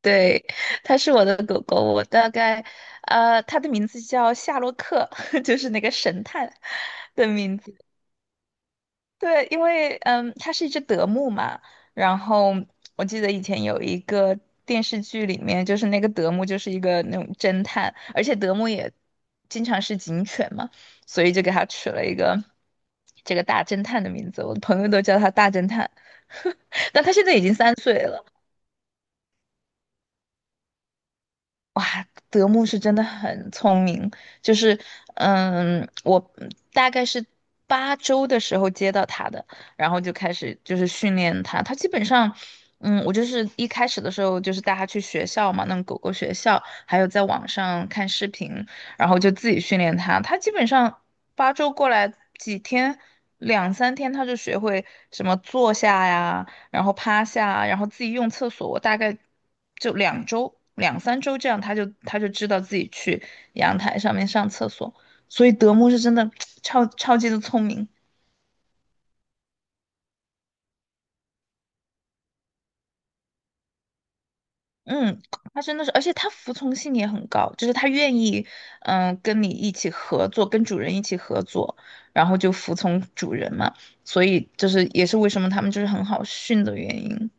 对，它是我的狗狗，我大概，呃，它的名字叫夏洛克，就是那个神探的名字。对，因为它是一只德牧嘛，然后我记得以前有一个电视剧里面，就是那个德牧就是一个那种侦探，而且德牧也经常是警犬嘛，所以就给它取了一个这个大侦探的名字，我的朋友都叫它大侦探，但它现在已经3岁了。德牧是真的很聪明，就是嗯，我大概是八周的时候接到他的，然后就开始就是训练它。它基本上。嗯，我就是一开始的时候，就是带它去学校嘛，那种狗狗学校，还有在网上看视频，然后就自己训练它。它基本上八周过来几天，2、3天，它就学会什么坐下呀，然后趴下，然后自己用厕所，我大概就2周、2、3周这样，他就知道自己去阳台上面上厕所。所以德牧是真的 超级的聪明，嗯，他真的是，而且他服从性也很高，就是他愿意，跟你一起合作，跟主人一起合作，然后就服从主人嘛。所以就是也是为什么他们就是很好训的原因。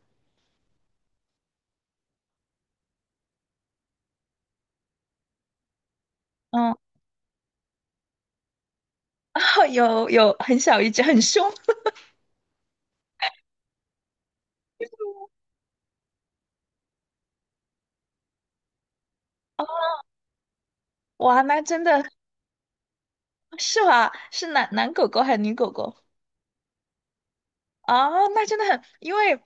嗯，有很小一只，很凶，哇，那真的是吧？是男狗狗还是女狗狗？啊，那真的很，因为，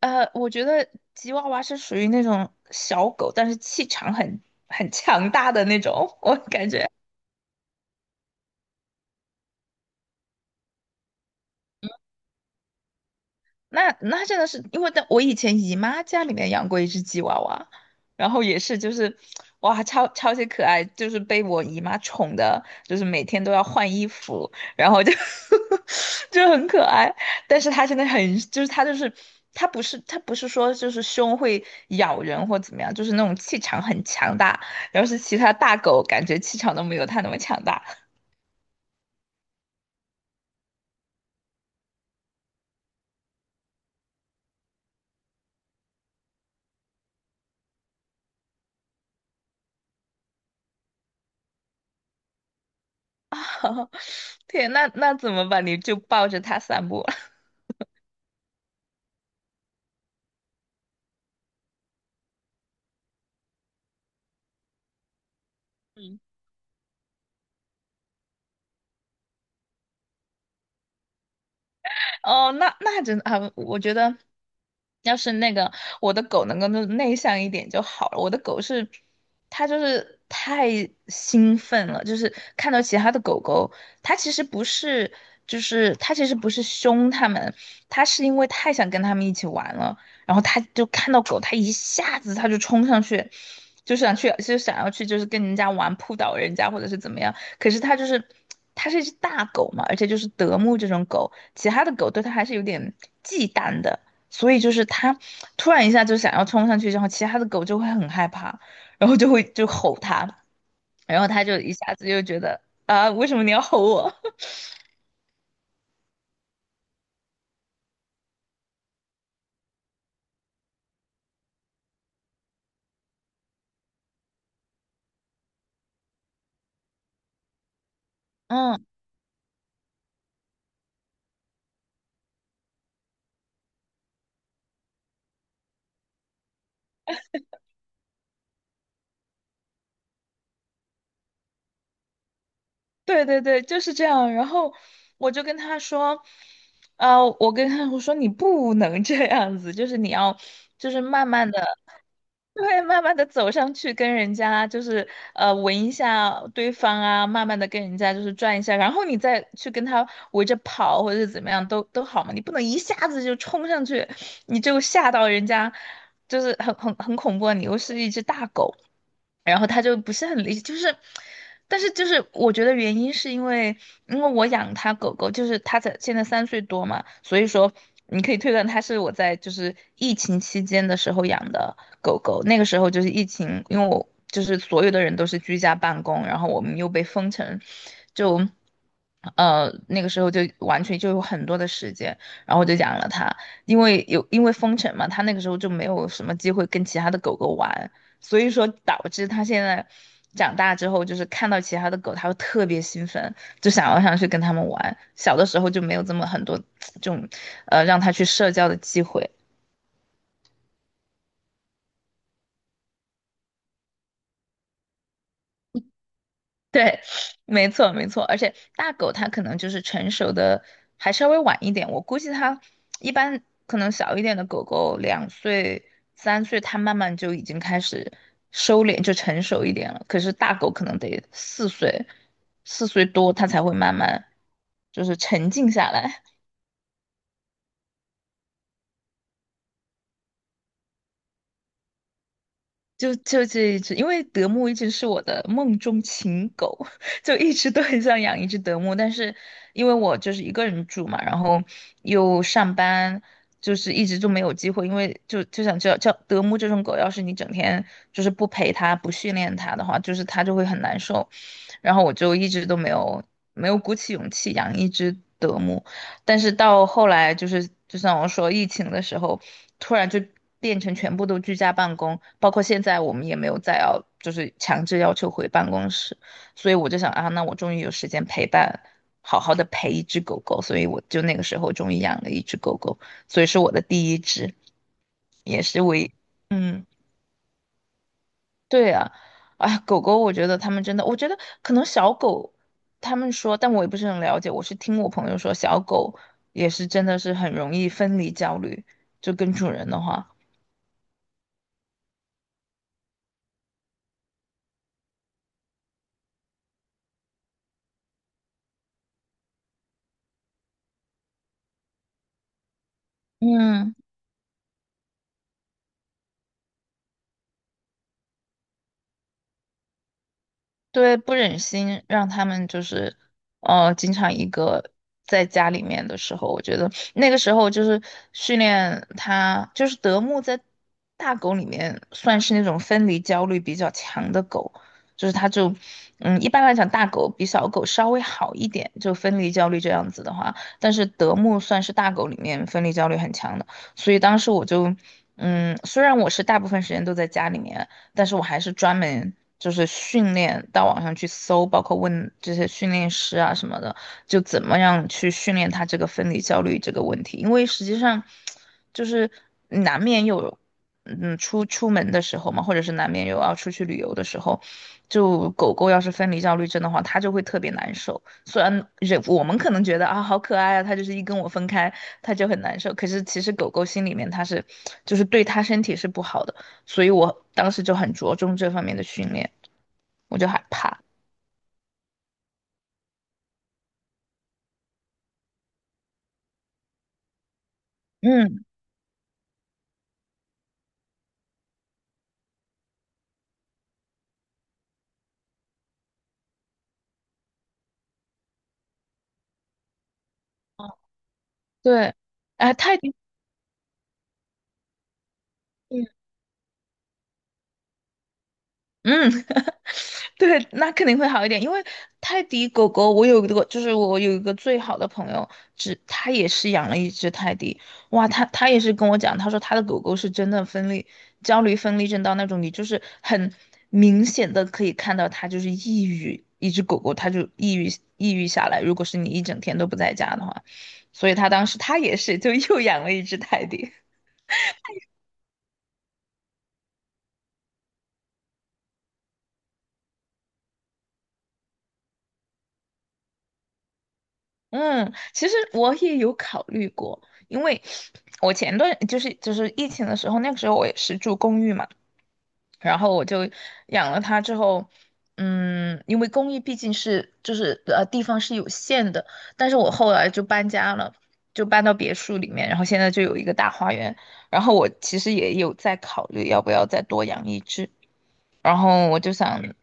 我觉得吉娃娃是属于那种小狗，但是气场很强大的那种，我感觉那真的是因为在我以前姨妈家里面养过一只吉娃娃，然后也是就是哇超级可爱，就是被我姨妈宠的，就是每天都要换衣服，然后就 就很可爱。但是它真的很就是它就是它不是说就是凶会咬人或怎么样，就是那种气场很强大，要是其他大狗感觉气场都没有它那么强大。天，那怎么办？你就抱着它散步。哦，那真的啊，我觉得要是那个我的狗能够内向一点就好了。我的狗是，它就是太兴奋了，就是看到其他的狗狗，它其实不是，就是它其实不是凶它们，它是因为太想跟它们一起玩了，然后它就看到狗，它一下子它就冲上去，就想要去，就是跟人家玩扑倒人家或者是怎么样。可是它就是，它是一只大狗嘛，而且就是德牧这种狗。其他的狗对它还是有点忌惮的，所以就是它突然一下就想要冲上去，然后其他的狗就会很害怕，然后就会就吼它，然后它就一下子就觉得啊，为什么你要吼我？嗯，对对对，就是这样。然后我就跟他说，呃，我跟他我说你不能这样子，就是你要，就是慢慢的，对，慢慢的走上去，跟人家就是闻一下对方啊，慢慢的跟人家就是转一下，然后你再去跟他围着跑或者是怎么样都好嘛，你不能一下子就冲上去，你就吓到人家，就是很恐怖啊，你又是一只大狗。然后他就不是很理解，就是，但是就是我觉得原因是因为，因为我养它狗狗，就是它才现在3岁多嘛，所以说你可以推断它是我在就是疫情期间的时候养的狗狗，那个时候就是疫情，因为我就是所有的人都是居家办公，然后我们又被封城，就。那个时候就完全就有很多的时间，然后我就养了它，因为封城嘛，它那个时候就没有什么机会跟其他的狗狗玩，所以说导致他现在长大之后，就是看到其他的狗，他会特别兴奋，就想要上去跟它们玩。小的时候就没有这么很多 这种，让他去社交的机会。对，没错没错，而且大狗它可能就是成熟的还稍微晚一点，我估计它一般可能小一点的狗狗2、3岁，它慢慢就已经开始收敛，就成熟一点了。可是大狗可能得4岁多，它才会慢慢就是沉静下来。就这一只，因为德牧一直是我的梦中情狗，就一直都很想养一只德牧，但是因为我就是一个人住嘛，然后又上班，就是一直就没有机会，因为就想知道，叫德牧这种狗，要是你整天就是不陪它、不训练它的话，就是它就会很难受，然后我就一直都没有鼓起勇气养一只德牧。但是到后来就是，就像我说，疫情的时候，突然就变成全部都居家办公，包括现在我们也没有再要，就是强制要求回办公室，所以我就想啊，那我终于有时间陪伴，好好的陪一只狗狗，所以我就那个时候终于养了一只狗狗，所以是我的第一只，也是唯，一，嗯。对啊，哎，狗狗，我觉得他们真的，我觉得可能小狗，他们说，但我也不是很了解，我是听我朋友说，小狗也是真的是很容易分离焦虑，就跟主人的话，嗯。对，不忍心让他们就是，经常一个在家里面的时候，我觉得那个时候就是训练它，就是德牧在大狗里面算是那种分离焦虑比较强的狗，就是它就，嗯，一般来讲大狗比小狗稍微好一点，就分离焦虑这样子的话，但是德牧算是大狗里面分离焦虑很强的，所以当时我就。嗯，虽然我是大部分时间都在家里面，但是我还是专门就是训练到网上去搜，包括问这些训练师啊什么的，就怎么样去训练他这个分离焦虑这个问题，因为实际上就是难免有。嗯，出门的时候嘛，或者是难免有要出去旅游的时候，就狗狗要是分离焦虑症的话，它就会特别难受。虽然人我们可能觉得啊好可爱啊，它就是一跟我分开，它就很难受。可是其实狗狗心里面它是，就是对它身体是不好的。所以我当时就很着重这方面的训练，我就害怕。嗯，对，哎，泰迪，嗯，对，那肯定会好一点，因为泰迪狗狗，我有一个，就是我有一个最好的朋友，只他也是养了一只泰迪，哇，他也是跟我讲，他说他的狗狗是真的分裂焦虑分裂症到那种，你就是很明显的可以看到它就是抑郁，一只狗狗它就抑郁下来，如果是你一整天都不在家的话，所以他当时他也是就又养了一只泰迪，嗯，其实我也有考虑过，因为我前段就是疫情的时候，那个时候我也是住公寓嘛，然后我就养了它之后，嗯，因为公寓毕竟是地方是有限的，但是我后来就搬家了，就搬到别墅里面，然后现在就有一个大花园，然后我其实也有在考虑要不要再多养一只，然后我就想，嗯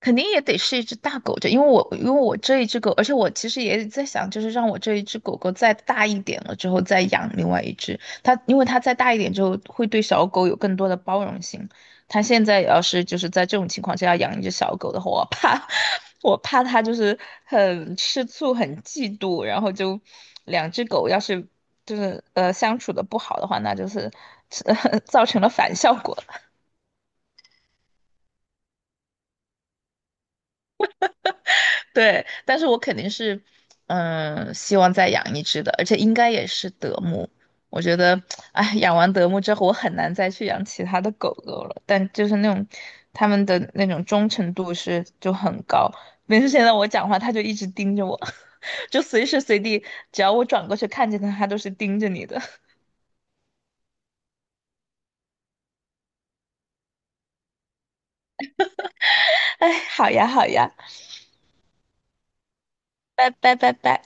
肯定也得是一只大狗这，因为我这一只狗，而且我其实也在想，就是让我这一只狗狗再大一点了之后再养另外一只。它因为它再大一点之后会对小狗有更多的包容性。它现在要是就是在这种情况下要养一只小狗的话，我怕它就是很吃醋、很嫉妒，然后就两只狗要是就是相处的不好的话，那就是 造成了反效果。对，但是我肯定是，嗯，希望再养一只的，而且应该也是德牧。我觉得，哎，养完德牧之后，我很难再去养其他的狗狗了。但就是那种，他们的那种忠诚度是就很高。每次现在我讲话，它就一直盯着我，就随时随地，只要我转过去看见它，它都是盯着你的。哎，好呀，好呀，拜拜。